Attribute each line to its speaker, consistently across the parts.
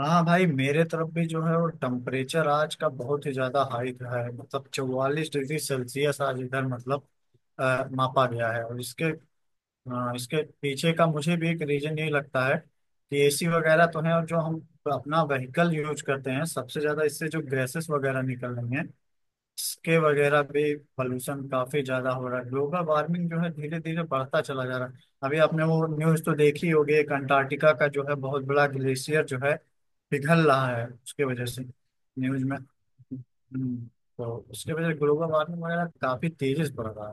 Speaker 1: हाँ भाई, मेरे तरफ भी जो है वो टेम्परेचर आज का बहुत ही ज्यादा हाई रहा है। मतलब 44 डिग्री सेल्सियस आज इधर मतलब मापा गया है। और इसके पीछे का मुझे भी एक रीजन यही लगता है कि एसी वगैरह तो है और जो हम अपना व्हीकल यूज करते हैं, सबसे ज्यादा इससे जो गैसेस वगैरह निकल रही हैं, इसके वगैरह पे पॉल्यूशन काफी ज्यादा हो रहा है। ग्लोबल वार्मिंग जो है धीरे धीरे बढ़ता चला जा रहा है। अभी आपने वो न्यूज तो देखी होगी, एक अंटार्कटिका का जो है बहुत बड़ा ग्लेशियर जो है पिघल रहा है उसके वजह से न्यूज में। हम्म, तो उसके वजह से ग्लोबल वार्मिंग वगैरह काफी तेजी से बढ़ रहा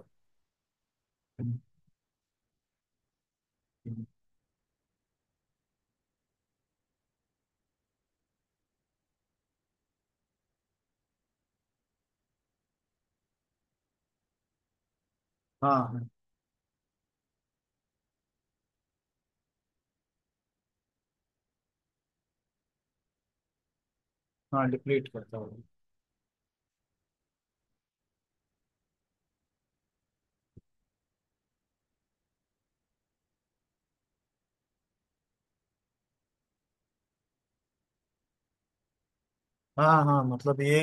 Speaker 1: है। हाँ। हाँ, डिप्लीट करता है। हाँ हाँ, मतलब ये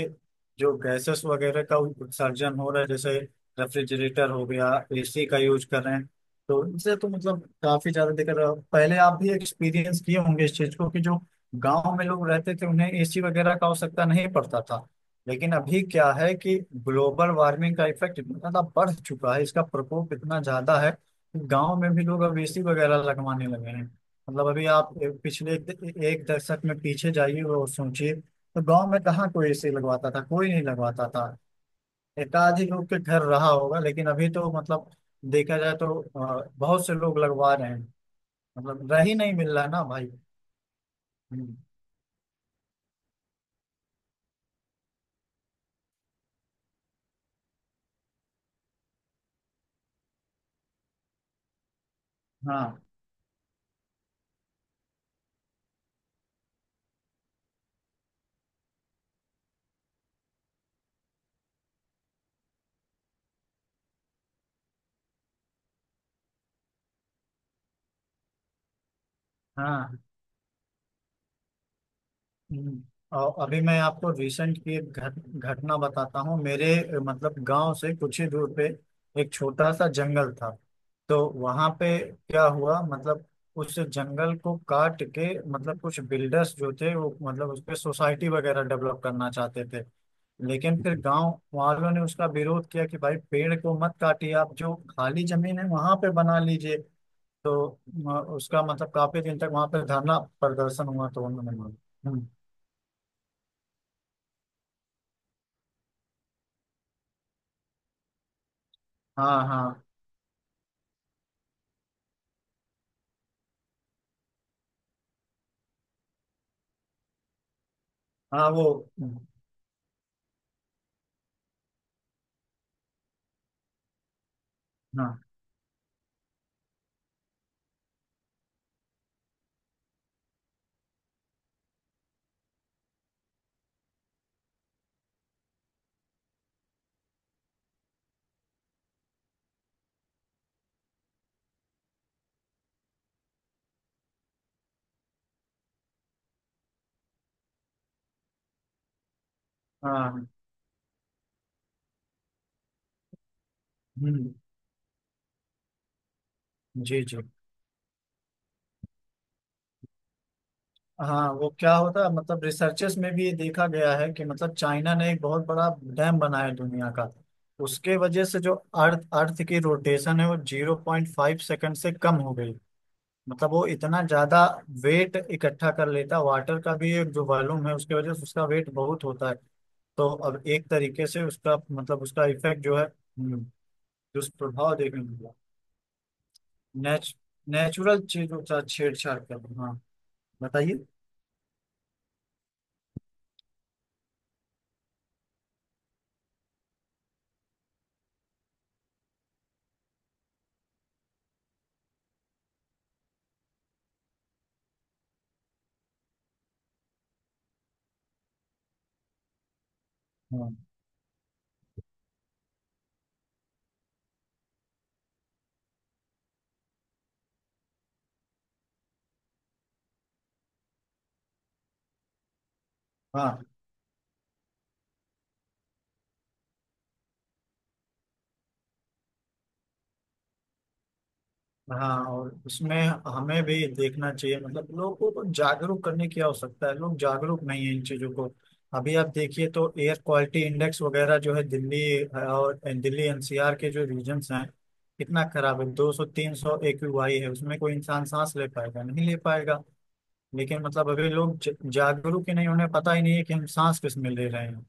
Speaker 1: जो गैसेस वगैरह का उत्सर्जन हो रहा है, जैसे रेफ्रिजरेटर हो गया, एसी का यूज कर रहे हैं, तो इनसे तो मतलब काफी ज्यादा दिक्कत है। पहले आप भी एक्सपीरियंस किए होंगे इस चीज को कि जो गांव में लोग रहते थे उन्हें एसी वगैरह का आवश्यकता नहीं पड़ता था। लेकिन अभी क्या है कि ग्लोबल वार्मिंग का इफेक्ट इतना ज्यादा बढ़ चुका है, इसका प्रकोप इतना ज्यादा है कि गांव में भी लोग अब एसी वगैरह लगवाने लगे हैं। मतलब अभी आप पिछले एक एक दशक में पीछे जाइए और सोचिए, तो गांव में कहाँ कोई एसी लगवाता था, कोई नहीं लगवाता था। एकाधिक लोग के घर रहा होगा, लेकिन अभी तो मतलब देखा जाए तो बहुत से लोग लगवा रहे हैं। मतलब रही नहीं, मिल रहा ना भाई। हम्म, हाँ हाँ। हम्म, और अभी मैं आपको रिसेंट की एक घटना बताता हूँ। मेरे मतलब गांव से कुछ ही दूर पे एक छोटा सा जंगल था। तो वहां पे क्या हुआ मतलब, उस जंगल को काट के मतलब कुछ बिल्डर्स जो थे वो मतलब उस पे सोसाइटी वगैरह डेवलप करना चाहते थे। लेकिन फिर गांव वालों ने उसका विरोध किया कि भाई पेड़ को मत काटिए, आप जो खाली जमीन है वहां पे बना लीजिए। तो उसका मतलब काफी दिन तक वहां पे धरना प्रदर्शन हुआ, तो उन्होंने। हम्म। हाँ हाँ। हाँ वो। हाँ हाँ। हम्म, जी जी। हाँ, वो क्या होता है मतलब रिसर्चेस में भी ये देखा गया है कि मतलब चाइना ने एक बहुत बड़ा डैम बनाया है दुनिया का। उसके वजह से जो अर्थ अर्थ की रोटेशन है वो 0.5 सेकंड से कम हो गई। मतलब वो इतना ज्यादा वेट इकट्ठा कर लेता, वाटर का भी एक जो वॉल्यूम है उसके वजह से उसका वेट बहुत होता है। तो अब एक तरीके से उसका मतलब उसका इफेक्ट जो है दुष्प्रभाव देखने को मिला। नेच, नेचुरल चीजों का छेड़छाड़ करना। हाँ, बताइए। हाँ हाँ हाँ, और उसमें हमें भी देखना चाहिए, मतलब लोगों को जागरूक करने की आवश्यकता है। लोग जागरूक नहीं है इन चीजों को। अभी आप देखिए तो एयर क्वालिटी इंडेक्स वगैरह जो है दिल्ली और दिल्ली एनसीआर के जो रीजन्स हैं, कितना खराब है। 200-300 एक्यूआई है, उसमें कोई इंसान सांस ले पाएगा, नहीं ले पाएगा। लेकिन मतलब अभी लोग जागरूक ही नहीं, उन्हें पता ही नहीं है कि हम सांस किस में ले रहे हैं।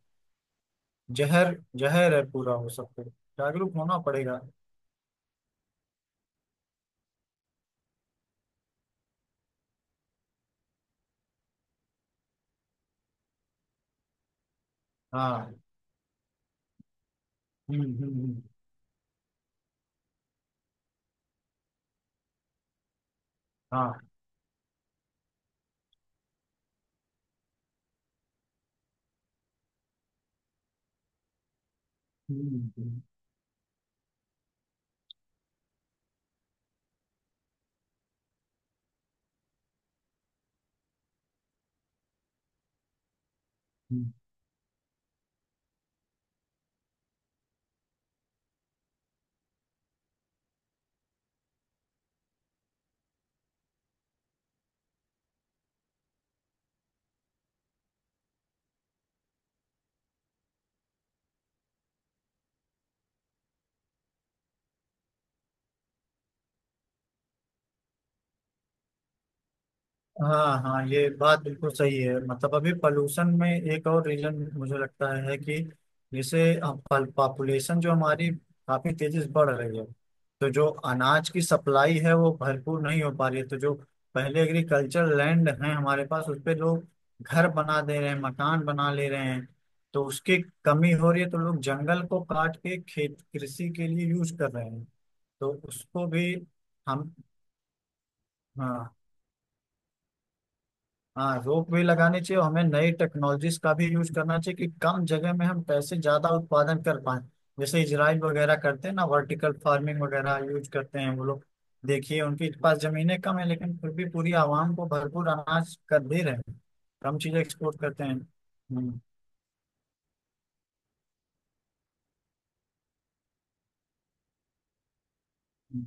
Speaker 1: जहर, जहर है पूरा वो सब कुछ। जागरूक होना पड़ेगा। हाँ। हम्म हम्म हम्म, हाँ, हम्म हम्म, हाँ हाँ, ये बात बिल्कुल सही है। मतलब अभी पॉल्यूशन में एक और रीजन मुझे लगता है कि जैसे पॉपुलेशन जो हमारी काफी तेजी से बढ़ रही है, तो जो अनाज की सप्लाई है वो भरपूर नहीं हो पा रही है। तो जो पहले एग्रीकल्चर लैंड है हमारे पास, उस पे लोग घर बना दे रहे हैं, मकान बना ले रहे हैं। तो उसकी कमी हो रही है, तो लोग जंगल को काट के खेत कृषि के लिए यूज कर रहे हैं। तो उसको भी हम। हाँ। हाँ, रोप वे लगाने चाहिए, और हमें नई टेक्नोलॉजीज का भी यूज करना चाहिए कि कम जगह में हम कैसे ज्यादा उत्पादन कर पाए। जैसे इजराइल वगैरह करते हैं ना, वर्टिकल फार्मिंग वगैरह यूज करते हैं वो लोग। देखिए, उनके पास जमीनें कम है लेकिन फिर भी पूरी आवाम को भरपूर अनाज कर दे रहे हैं। कम चीजें एक्सपोर्ट करते हैं। हम्म,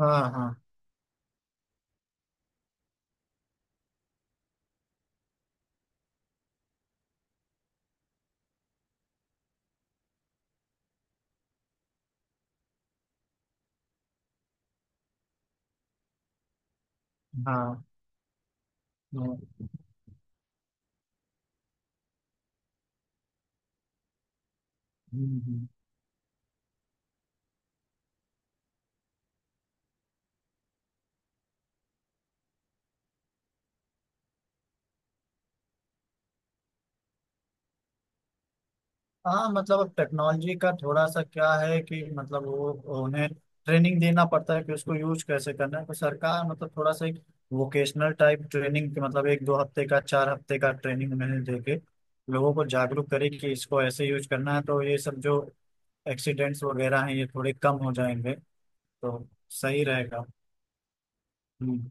Speaker 1: हाँ हाँ हाँ हाँ, हम्म, हम्म। हाँ, मतलब अब टेक्नोलॉजी का थोड़ा सा क्या है कि मतलब वो उन्हें ट्रेनिंग देना पड़ता है कि उसको यूज कैसे करना है। तो सरकार मतलब थोड़ा सा एक वोकेशनल टाइप ट्रेनिंग, मतलब एक दो हफ्ते का, 4 हफ्ते का ट्रेनिंग उन्हें दे के लोगों को जागरूक करे कि इसको ऐसे यूज करना है। तो ये सब जो एक्सीडेंट्स वगैरह हैं ये थोड़े कम हो जाएंगे। तो सही रहेगा। हम्म।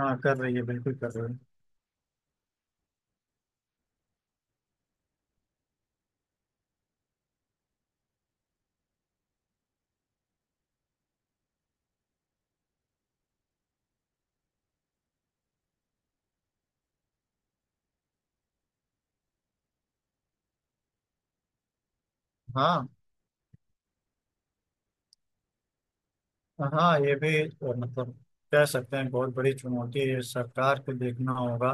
Speaker 1: हाँ, कर रही है, बिल्कुल कर रही है। हाँ। हाँ, ये भी मतलब कह सकते हैं बहुत बड़ी चुनौती है, ये सरकार को देखना होगा।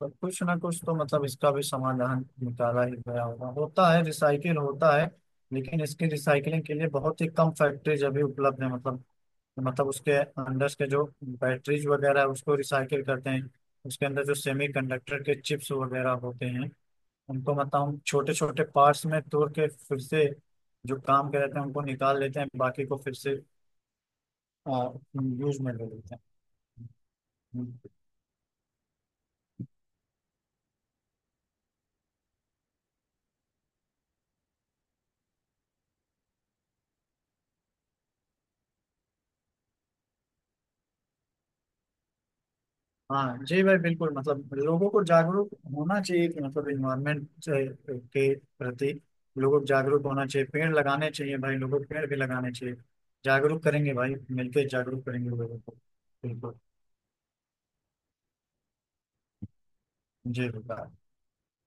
Speaker 1: पर कुछ ना कुछ तो मतलब इसका भी समाधान निकाला ही गया होगा, होता है, रिसाइकिल होता है। लेकिन इसकी रिसाइकलिंग के लिए बहुत ही कम फैक्ट्रीज अभी उपलब्ध है। मतलब उसके अंदर के जो बैटरीज वगैरह है उसको रिसाइकिल करते हैं। उसके अंदर जो सेमी कंडक्टर के चिप्स वगैरह होते हैं, उनको मतलब हम छोटे छोटे पार्ट्स में तोड़ के फिर से, जो काम के रहते हैं उनको निकाल लेते हैं, बाकी को फिर से यूज में ले लेते हैं। हाँ जी भाई, बिल्कुल, मतलब लोगों को जागरूक होना चाहिए कि मतलब इन्वायरमेंट के प्रति लोगों को जागरूक होना चाहिए। पेड़ लगाने चाहिए भाई, लोगों को पेड़ भी लगाने चाहिए। जागरूक करेंगे भाई, मिलकर जागरूक करेंगे लोगों को। बिल्कुल, जी होगा।